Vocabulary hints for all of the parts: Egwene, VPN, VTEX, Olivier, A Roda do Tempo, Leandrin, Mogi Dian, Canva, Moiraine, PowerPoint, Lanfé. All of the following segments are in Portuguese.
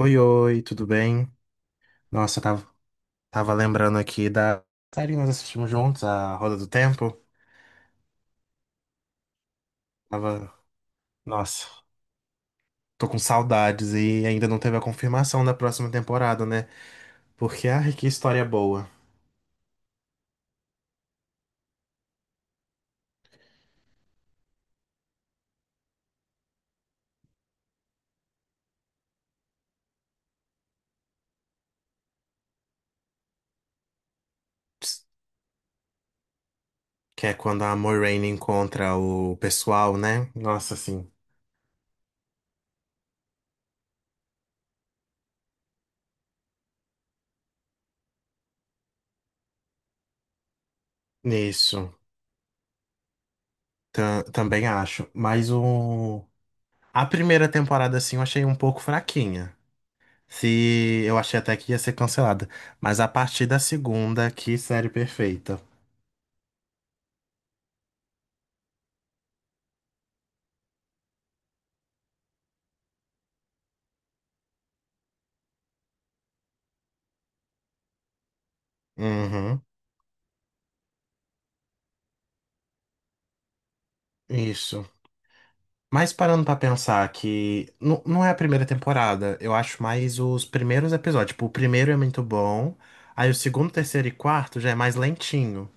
Oi, oi, tudo bem? Nossa, eu tava lembrando aqui da série que nós assistimos juntos, A Roda do Tempo. Tava, Nossa, tô com saudades e ainda não teve a confirmação da próxima temporada, né? Porque, ai, que história boa. Ps, Que é quando a Moiraine encontra o pessoal, né? Nossa, assim, nisso, também acho. Mas a primeira temporada, assim, eu achei um pouco fraquinha. Se eu achei até que ia ser cancelada. Mas a partir da segunda, que série perfeita. Uhum, isso. Mas parando pra pensar que não é a primeira temporada, eu acho mais os primeiros episódios. Tipo, o primeiro é muito bom, aí o segundo, terceiro e quarto já é mais lentinho.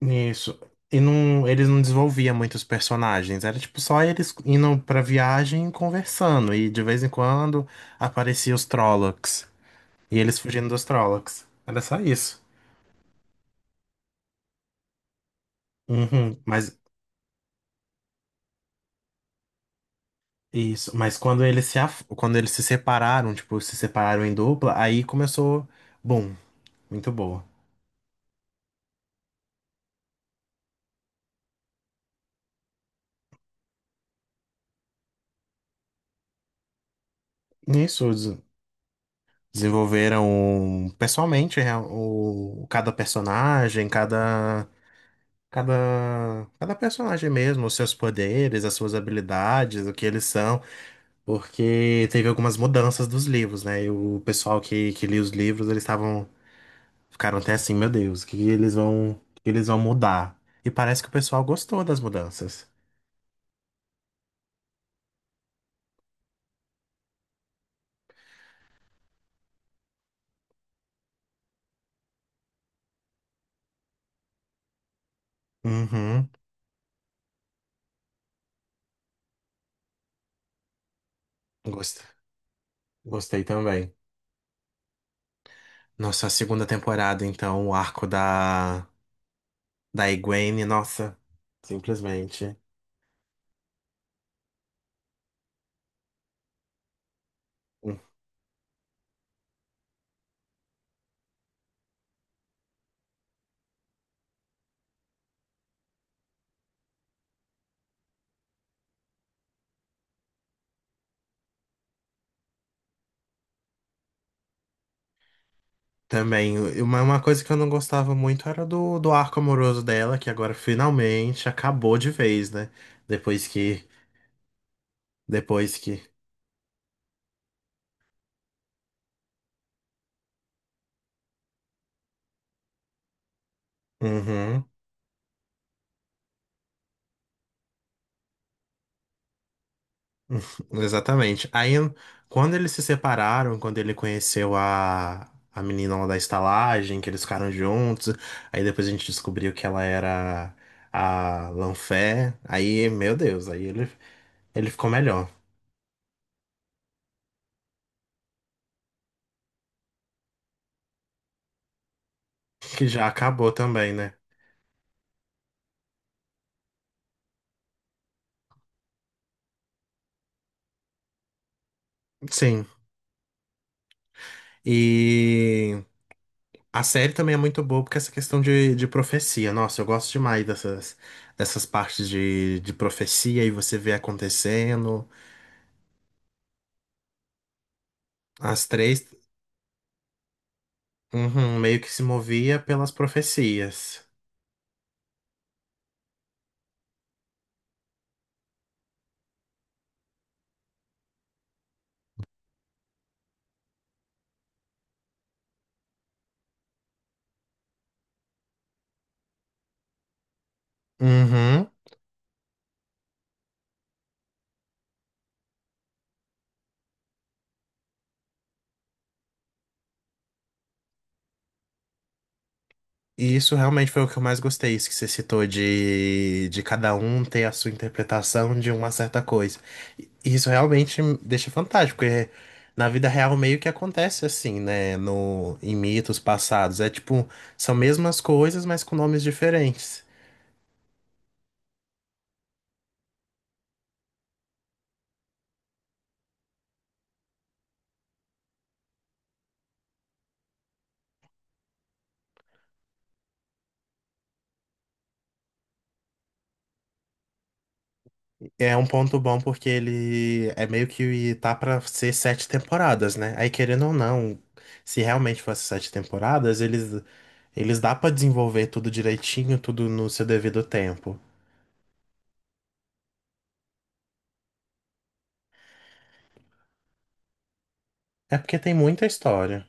Isso. E não, eles não desenvolviam muitos personagens. Era tipo só eles indo pra viagem e conversando. E de vez em quando apareciam os Trollocs. E eles fugindo dos Trollocs. Era só isso. Uhum, mas isso, mas quando eles se separaram, tipo, se separaram em dupla, aí começou, bom, muito boa. Nisso desenvolveram um, pessoalmente o cada personagem, Cada, cada personagem mesmo, os seus poderes, as suas habilidades, o que eles são, porque teve algumas mudanças dos livros, né? E o pessoal que lia os livros, eles ficaram até assim, meu Deus, o que eles vão mudar? E parece que o pessoal gostou das mudanças. Uhum, gost- gostei também. Nossa, a segunda temporada, então, o arco da Egwene, nossa, simplesmente. Também, uma coisa que eu não gostava muito era do arco amoroso dela, que agora finalmente acabou de vez, né? Depois que. Depois que. Uhum, exatamente. Aí, quando eles se separaram, quando ele conheceu a menina lá da estalagem, que eles ficaram juntos, aí depois a gente descobriu que ela era a Lanfé. Aí, meu Deus, aí ele ficou melhor. Que já acabou também, né? Sim. E. A série também é muito boa porque é essa questão de profecia. Nossa, eu gosto demais dessas partes de profecia e você vê acontecendo. As três, uhum, meio que se movia pelas profecias. Uhum. E isso realmente foi o que eu mais gostei, isso que você citou de cada um ter a sua interpretação de uma certa coisa. E isso realmente me deixa fantástico, porque na vida real meio que acontece assim, né? No, Em mitos passados. É tipo, são mesmas coisas, mas com nomes diferentes. É um ponto bom porque ele é meio que tá pra ser sete temporadas, né? Aí querendo ou não, se realmente fosse sete temporadas, eles dá pra desenvolver tudo direitinho, tudo no seu devido tempo. É porque tem muita história.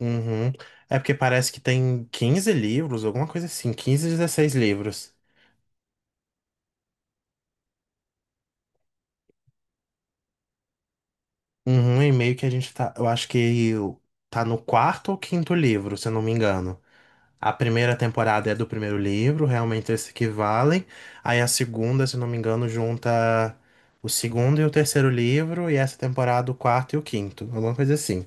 Uhum. É porque parece que tem 15 livros, alguma coisa assim, 15, 16 livros. Uhum, e meio que a gente tá. Eu acho que tá no quarto ou quinto livro, se eu não me engano. A primeira temporada é do primeiro livro, realmente eles que valem. Aí a segunda, se eu não me engano, junta o segundo e o terceiro livro, e essa temporada o quarto e o quinto, alguma coisa assim.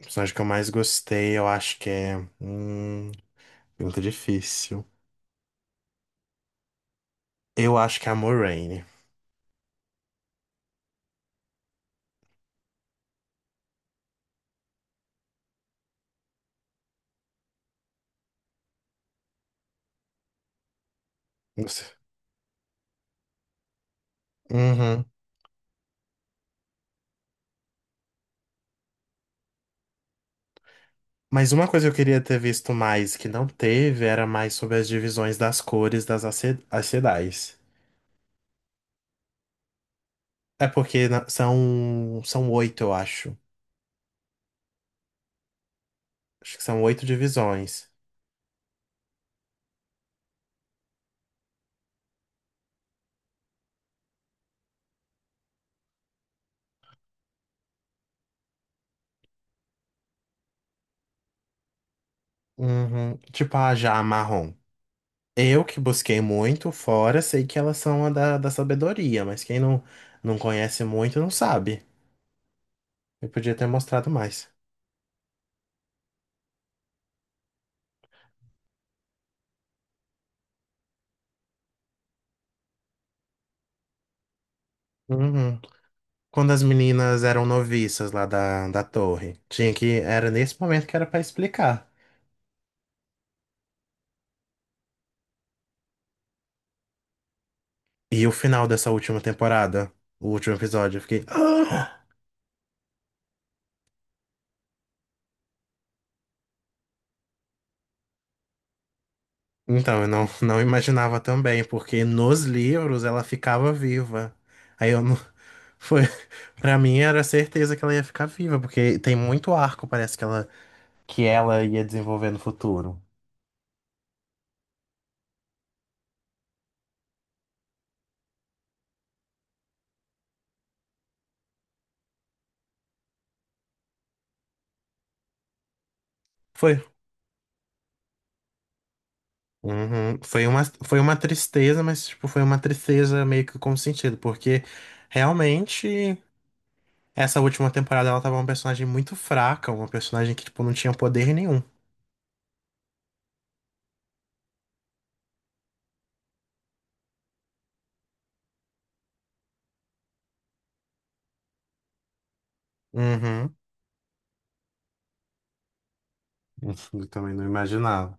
O personagem que eu mais gostei, eu acho que é. Hum, Pergunta difícil. Eu acho que é a Moraine. Uhum. Mas uma coisa que eu queria ter visto mais que não teve era mais sobre as divisões das cores das as cidades. É porque são oito, eu acho. Acho que são oito divisões. Uhum. Tipo a já marrom. Eu que busquei muito fora, sei que elas são a da sabedoria, mas quem não conhece muito não sabe. Eu podia ter mostrado mais. Uhum. Quando as meninas eram noviças lá da torre, tinha que. Era nesse momento que era pra explicar. E o final dessa última temporada, o último episódio, eu fiquei. "Ah!" Então, eu não imaginava também, porque nos livros ela ficava viva. Aí eu não. Foi. Pra mim era certeza que ela ia ficar viva, porque tem muito arco, parece que ela ia desenvolver no futuro. Foi. Uhum. Foi uma tristeza, mas tipo, foi uma tristeza meio que com sentido, porque realmente essa última temporada ela tava uma personagem muito fraca, uma personagem que tipo, não tinha poder nenhum. Uhum. Eu também não imaginava.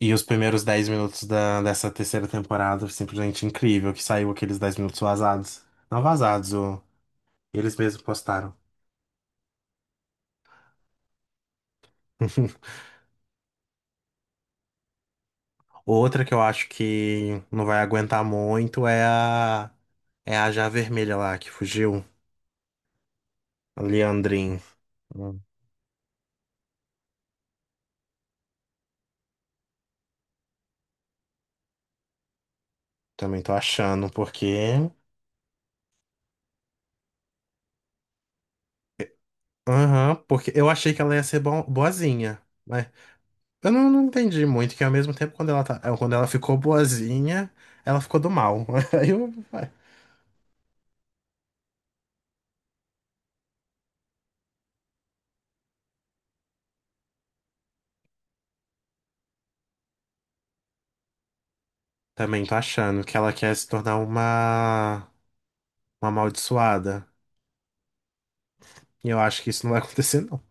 E os primeiros 10 minutos dessa terceira temporada, simplesmente incrível, que saiu aqueles 10 minutos vazados. Não vazados, eles mesmos postaram. Outra que eu acho que não vai aguentar muito é a já vermelha lá que fugiu, a Leandrin. Hum, Também tô achando, porque aham, porque eu achei que ela ia ser boazinha. Eu não entendi muito, que ao mesmo tempo quando ela, tá, quando ela ficou boazinha, ela ficou do mal. Aí eu ué, também tô achando que ela quer se tornar uma amaldiçoada. E eu acho que isso não vai acontecer, não.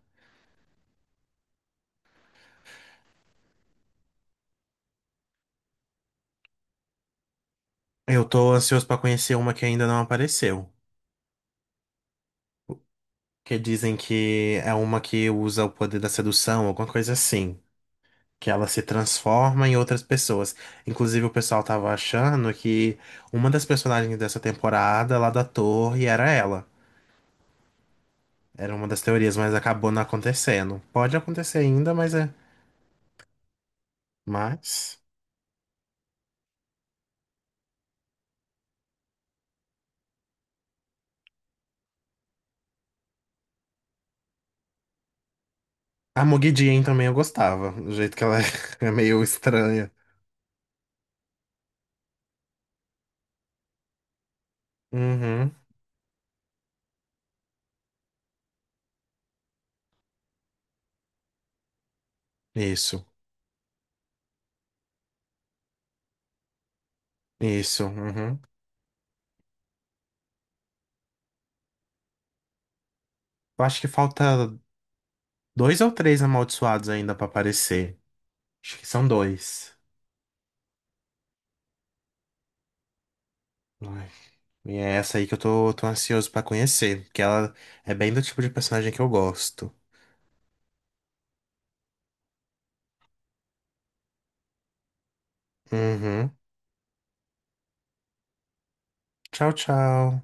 Eu tô ansioso pra conhecer uma que ainda não apareceu. Que dizem que é uma que usa o poder da sedução, alguma coisa assim. Que ela se transforma em outras pessoas. Inclusive, o pessoal tava achando que uma das personagens dessa temporada lá da torre era ela. Era uma das teorias, mas acabou não acontecendo. Pode acontecer ainda, mas é. Mas. A Mogi Dian também eu gostava. Do jeito que ela é meio estranha. Uhum. Isso. Isso. Uhum. Eu acho que falta dois ou três amaldiçoados ainda pra aparecer. Acho que são dois. Ai, e é essa aí que eu tô ansioso pra conhecer. Porque ela é bem do tipo de personagem que eu gosto. Uhum. Tchau, tchau.